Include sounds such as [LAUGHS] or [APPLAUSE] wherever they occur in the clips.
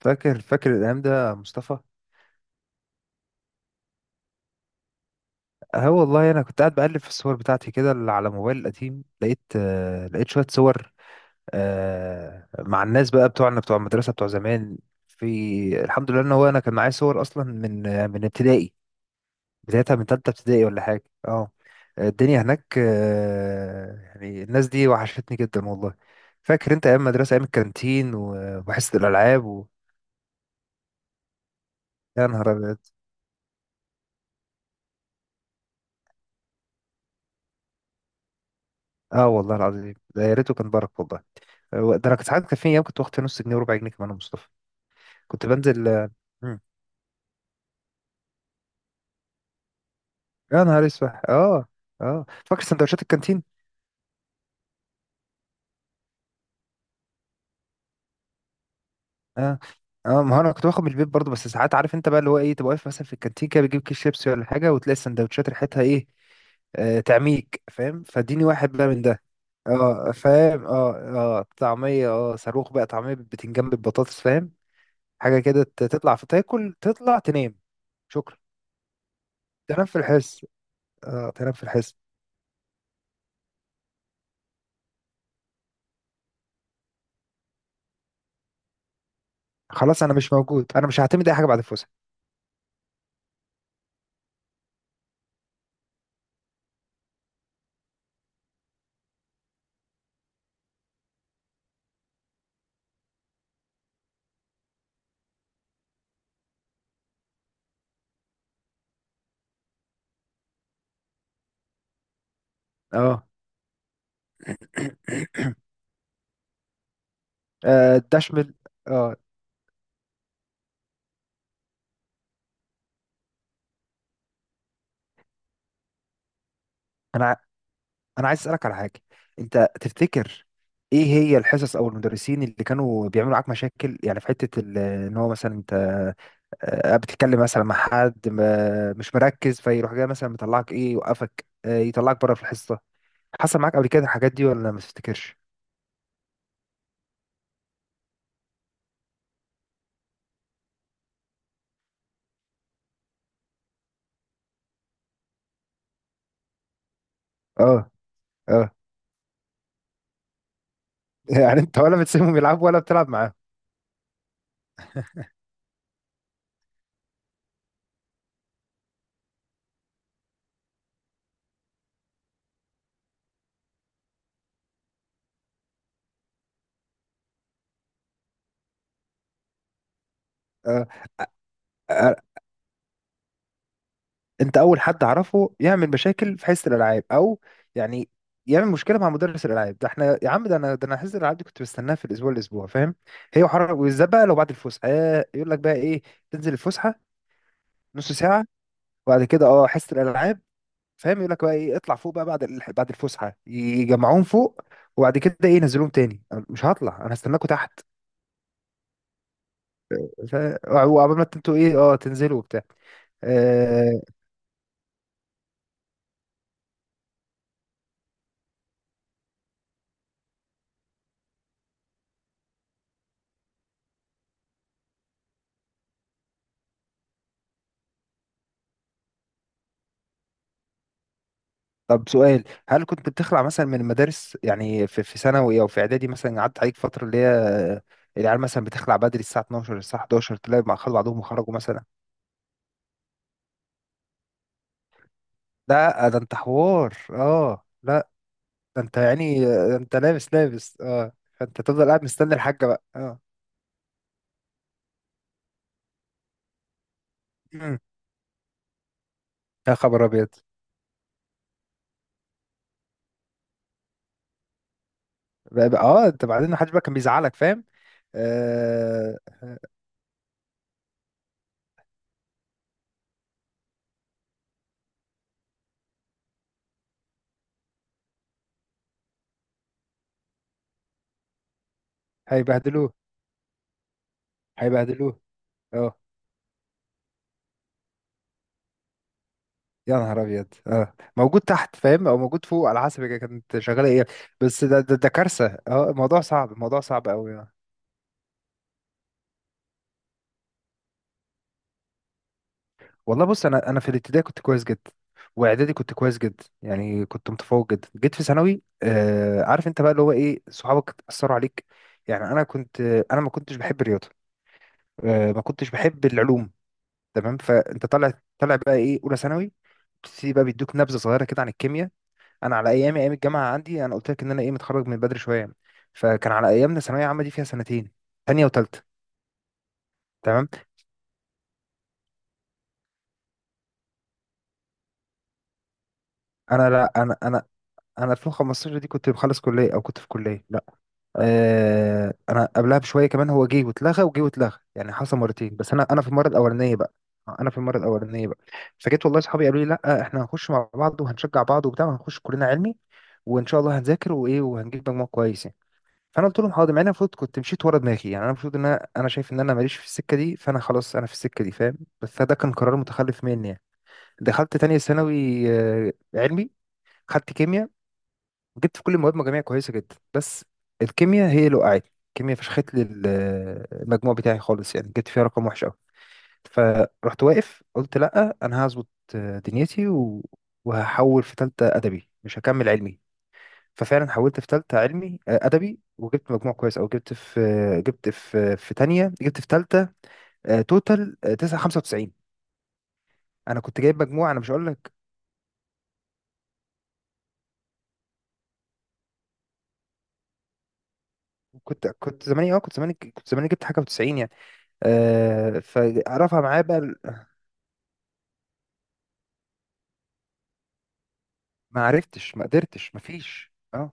فاكر الأيام ده يا مصطفى. اه والله، أنا كنت قاعد بقلب في الصور بتاعتي كده اللي على موبايل القديم، لقيت شوية صور، آه، مع الناس بقى بتوعنا، بتوع المدرسة بتوع زمان. في الحمد لله إن هو أنا كان معايا صور أصلا، من ابتدائي، بدايتها من تالتة ابتدائي ولا حاجة، اه. الدنيا هناك، يعني الناس دي وحشتني جدا والله. فاكر أنت أيام مدرسة، أيام الكانتين و- وحصة الألعاب يا نهار أبيض. اه والله العظيم، ده يا ريته كان بارك والله. هو ده انا كنت ساعات كان في ايام كنت واخد فيها نص جنيه وربع جنيه كمان يا مصطفى. كنت بنزل. مم. يا نهار اسود، اه. اه فاكر سندوتشات الكانتين. اه، اه ما هو انا كنت باخد من البيت برضه، بس ساعات عارف انت بقى اللي هو ايه، تبقى واقف مثلا في الكانتين كده بتجيب كيس شيبسي ولا حاجه، وتلاقي السندوتشات ريحتها ايه، آه تعميك فاهم، فاديني واحد بقى من ده. اه فاهم، اه. اه طعميه، اه صاروخ بقى، طعميه بالبتنجان بالبطاطس فاهم، حاجه كده، ت- تطلع في تاكل تطلع تنام. شكرا. تنام في الحس. اه تنام في الحس. خلاص انا مش موجود، انا مش هعتمد اي حاجه بعد الفسحه. اه. [CLEARS THROAT] ده شمل. اه. انا ع- انا عايز اسالك على حاجه. انت تفتكر ايه هي الحصص او المدرسين اللي كانوا بيعملوا معاك مشاكل، يعني في حته ان هو مثلا انت، بتتكلم مثلا مع حد مش مركز، فيروح جاي مثلا مطلعك ايه، يوقفك، يطلعك بره في الحصه. حصل معاك قبل كده الحاجات دي ولا ما تفتكرش؟ اه، اه. [LAUGHS] يعني انت ولا بتسيبهم يلعبوا ولا بتلعب معاهم؟ اه. آه، انت اول حد اعرفه يعمل مشاكل في حصه الالعاب او، يعني، يعمل مشكله مع مدرس الالعاب ده. احنا يا عم، ده انا، ده انا حصه الالعاب دي كنت بستناها في الاسبوع، الاسبوع فاهم، هي وحر، وبالذات بقى لو بعد الفسحه، يقول لك بقى ايه، تنزل الفسحه نص ساعه، وبعد كده اه حصه الالعاب فاهم، يقول لك بقى ايه، اطلع فوق بقى بعد بعد الفسحه يجمعوهم فوق، وبعد كده ايه، ينزلوهم تاني. أنا مش هطلع، انا هستناكم تحت. ف- وعقبال ما انتوا ايه اه تنزلوا وبتاع. آه، طب سؤال، هل كنت بتخلع مثلا من المدارس، يعني في في ثانوي او في اعدادي مثلا، قعدت عليك فتره اللي هي، العيال مثلا بتخلع بدري، الساعه 12 الساعه 11، تلاقي مع خلوا بعضهم وخرجوا مثلا. لا ده انت حوار، اه لا. ده انت يعني، ده انت لابس، لابس، اه، فانت تفضل قاعد مستني الحاجه بقى، اه. مم. يا خبر ابيض. اه انت بعدين محدش بقى كان بيزعلك فاهم. آه. هيبهدلوه، هيبهدلوه، اه. يا نهار ابيض، اه، موجود تحت فاهم او موجود فوق على حسب هي كانت شغاله ايه. بس ده ده كارثه، اه، الموضوع صعب، الموضوع صعب قوي. والله بص، انا في الابتدائي كنت كويس جدا، واعدادي كنت كويس جدا، يعني كنت متفوق جدا. جيت في ثانوي، آه عارف انت بقى اللي هو ايه، صحابك اثروا عليك، يعني انا كنت، انا ما كنتش بحب الرياضه، آه ما كنتش بحب العلوم، تمام. فانت طالع، طالع بقى ايه اولى ثانوي، بتبتدي بقى بيدوك نبذه صغيره كده عن الكيمياء. انا على ايامي، ايام الجامعه عندي، انا قلت لك ان انا ايه، متخرج من بدري شويه. فكان على ايامنا ثانويه عامه دي فيها سنتين، تانية وتالتة، تمام. لا انا 2015 دي كنت بخلص كليه او كنت في كليه، لا، آه انا قبلها بشويه كمان. هو جه واتلغى وجه واتلغى، يعني حصل مرتين، بس انا في المره الاولانيه بقى، انا في المره الاولانيه بقى، فجيت، والله صحابي قالوا لي لا احنا هنخش مع بعض وهنشجع بعض وبتاع، وهنخش كلنا علمي، وان شاء الله هنذاكر وايه وهنجيب مجموع كويس يعني. فانا قلت لهم حاضر، مع اني المفروض كنت مشيت ورا دماغي، يعني انا المفروض ان انا شايف ان انا ماليش في السكه دي. فانا خلاص انا في السكه دي فاهم، بس ده كان قرار متخلف مني يعني. دخلت تانية ثانوي، علمي، خدت كيمياء، جبت في كل المواد مجاميع كويسه جدا، بس الكيمياء هي اللي وقعتني. الكيمياء فشخت لي المجموع بتاعي خالص، يعني جبت فيها رقم وحش قوي. فرحت واقف قلت لا انا هظبط، دنيتي وهحول في تالتة ادبي، مش هكمل علمي. ففعلا حولت في تالتة علمي، أدبي، وجبت مجموع كويس، أو جبت في، جبت في في تانية، جبت في تالتة، توتال، تسعة خمسة وتسعين. أنا كنت جايب مجموع أنا مش هقول لك، كنت، كنت زماني أه كنت زماني كنت زماني جبت حاجة وتسعين يعني، أه. فرفع معايا بقى ما عرفتش، ما قدرتش، ما فيش، أه.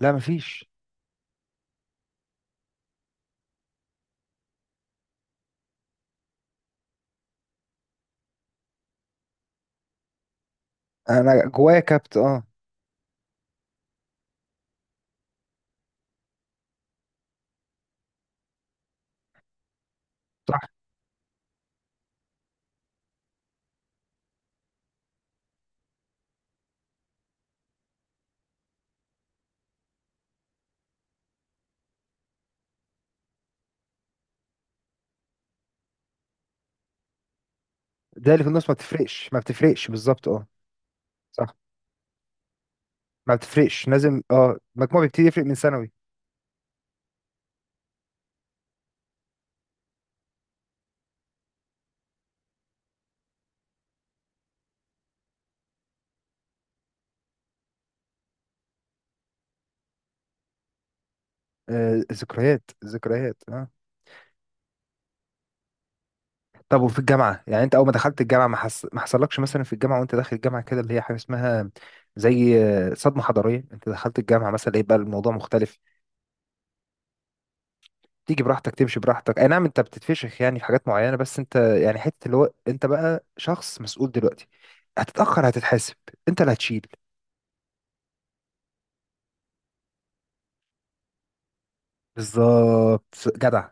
لا ما فيش، أنا جوايا كبت، أه. صح. ده اللي في النص ما بتفرقش، ما بتفرقش بالظبط، أه. صح، ما بتفرقش، لازم أه المجموع بيبتدي يفرق من ثانوي. آه، ذكريات، ذكريات، اه. طب وفي الجامعة، يعني انت اول ما دخلت الجامعة ما حصلكش مثلا في الجامعة، وانت داخل الجامعة كده، اللي هي حاجة اسمها زي، صدمة حضارية، انت دخلت الجامعة مثلا ايه بقى الموضوع مختلف؟ تيجي براحتك، تمشي براحتك، اي نعم انت بتتفشخ يعني في حاجات معينة، بس انت يعني، حتة اللي هو انت بقى شخص مسؤول دلوقتي، هتتأخر هتتحاسب، انت اللي هتشيل. بالظبط جدع.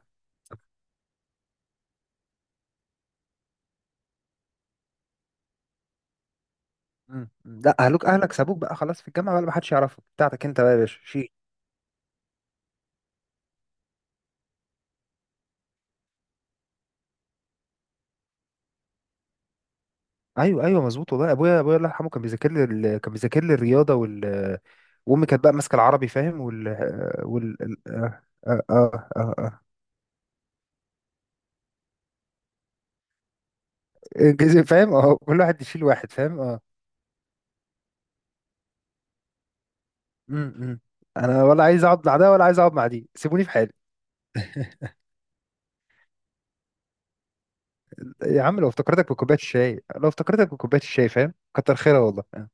مم. لا، اهلك سابوك بقى خلاص، في الجامعة بقى ما حدش يعرفك، بتاعتك انت بقى يا باشا، شيل. ايوه ايوه، مظبوط والله. ابويا الله يرحمه كان بيذاكر لي كان بيذاكر لي الرياضه وامي كانت بقى ماسكه العربي فاهم وال وال ال- اه اه اه اه آه. الإنجليزي، فاهم، اه، كل واحد يشيل واحد فاهم، اه. أمم، أمم. انا ولا عايز اقعد مع ده ولا عايز اقعد مع دي، سيبوني في حالي. [LAUGHS] يا عم، لو افتكرتك بكوبايه الشاي فاهم، كتر خيرها والله، اه.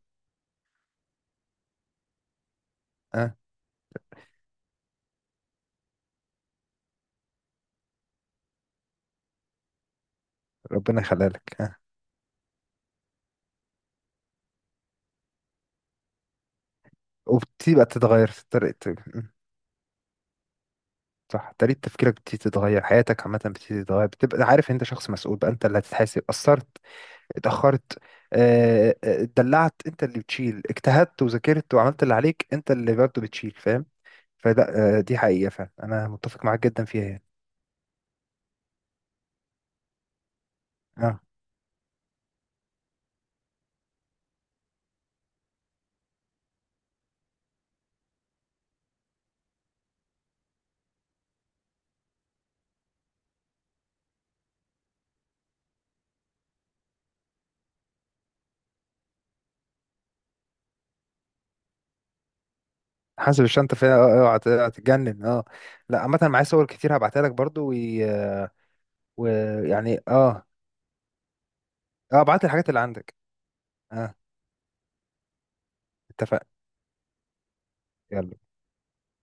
آه. ربنا يخليها لك، اه. وبتبقى تتغير في طريقتك. صح، طريقة تفكيرك بتبتدي تتغير، حياتك عامة بتبتدي تتغير، بتبقى عارف إن انت شخص مسؤول بقى، انت اللي هتتحاسب، قصرت اتأخرت، اتدلعت انت اللي بتشيل، اجتهدت وذاكرت وعملت اللي عليك انت اللي برضه بتشيل فاهم. فلا، دي حقيقة فعلا انا متفق معاك جدا فيها يعني، اه. حاسب الشنطة فيها، اه، هتتجنن، اه. لا عامة معايا صور كتير هبعتها لك برضه ويعني، اه. ويعني، اه اه ابعت لي الحاجات اللي عندك، اه. اتفقنا. يلا.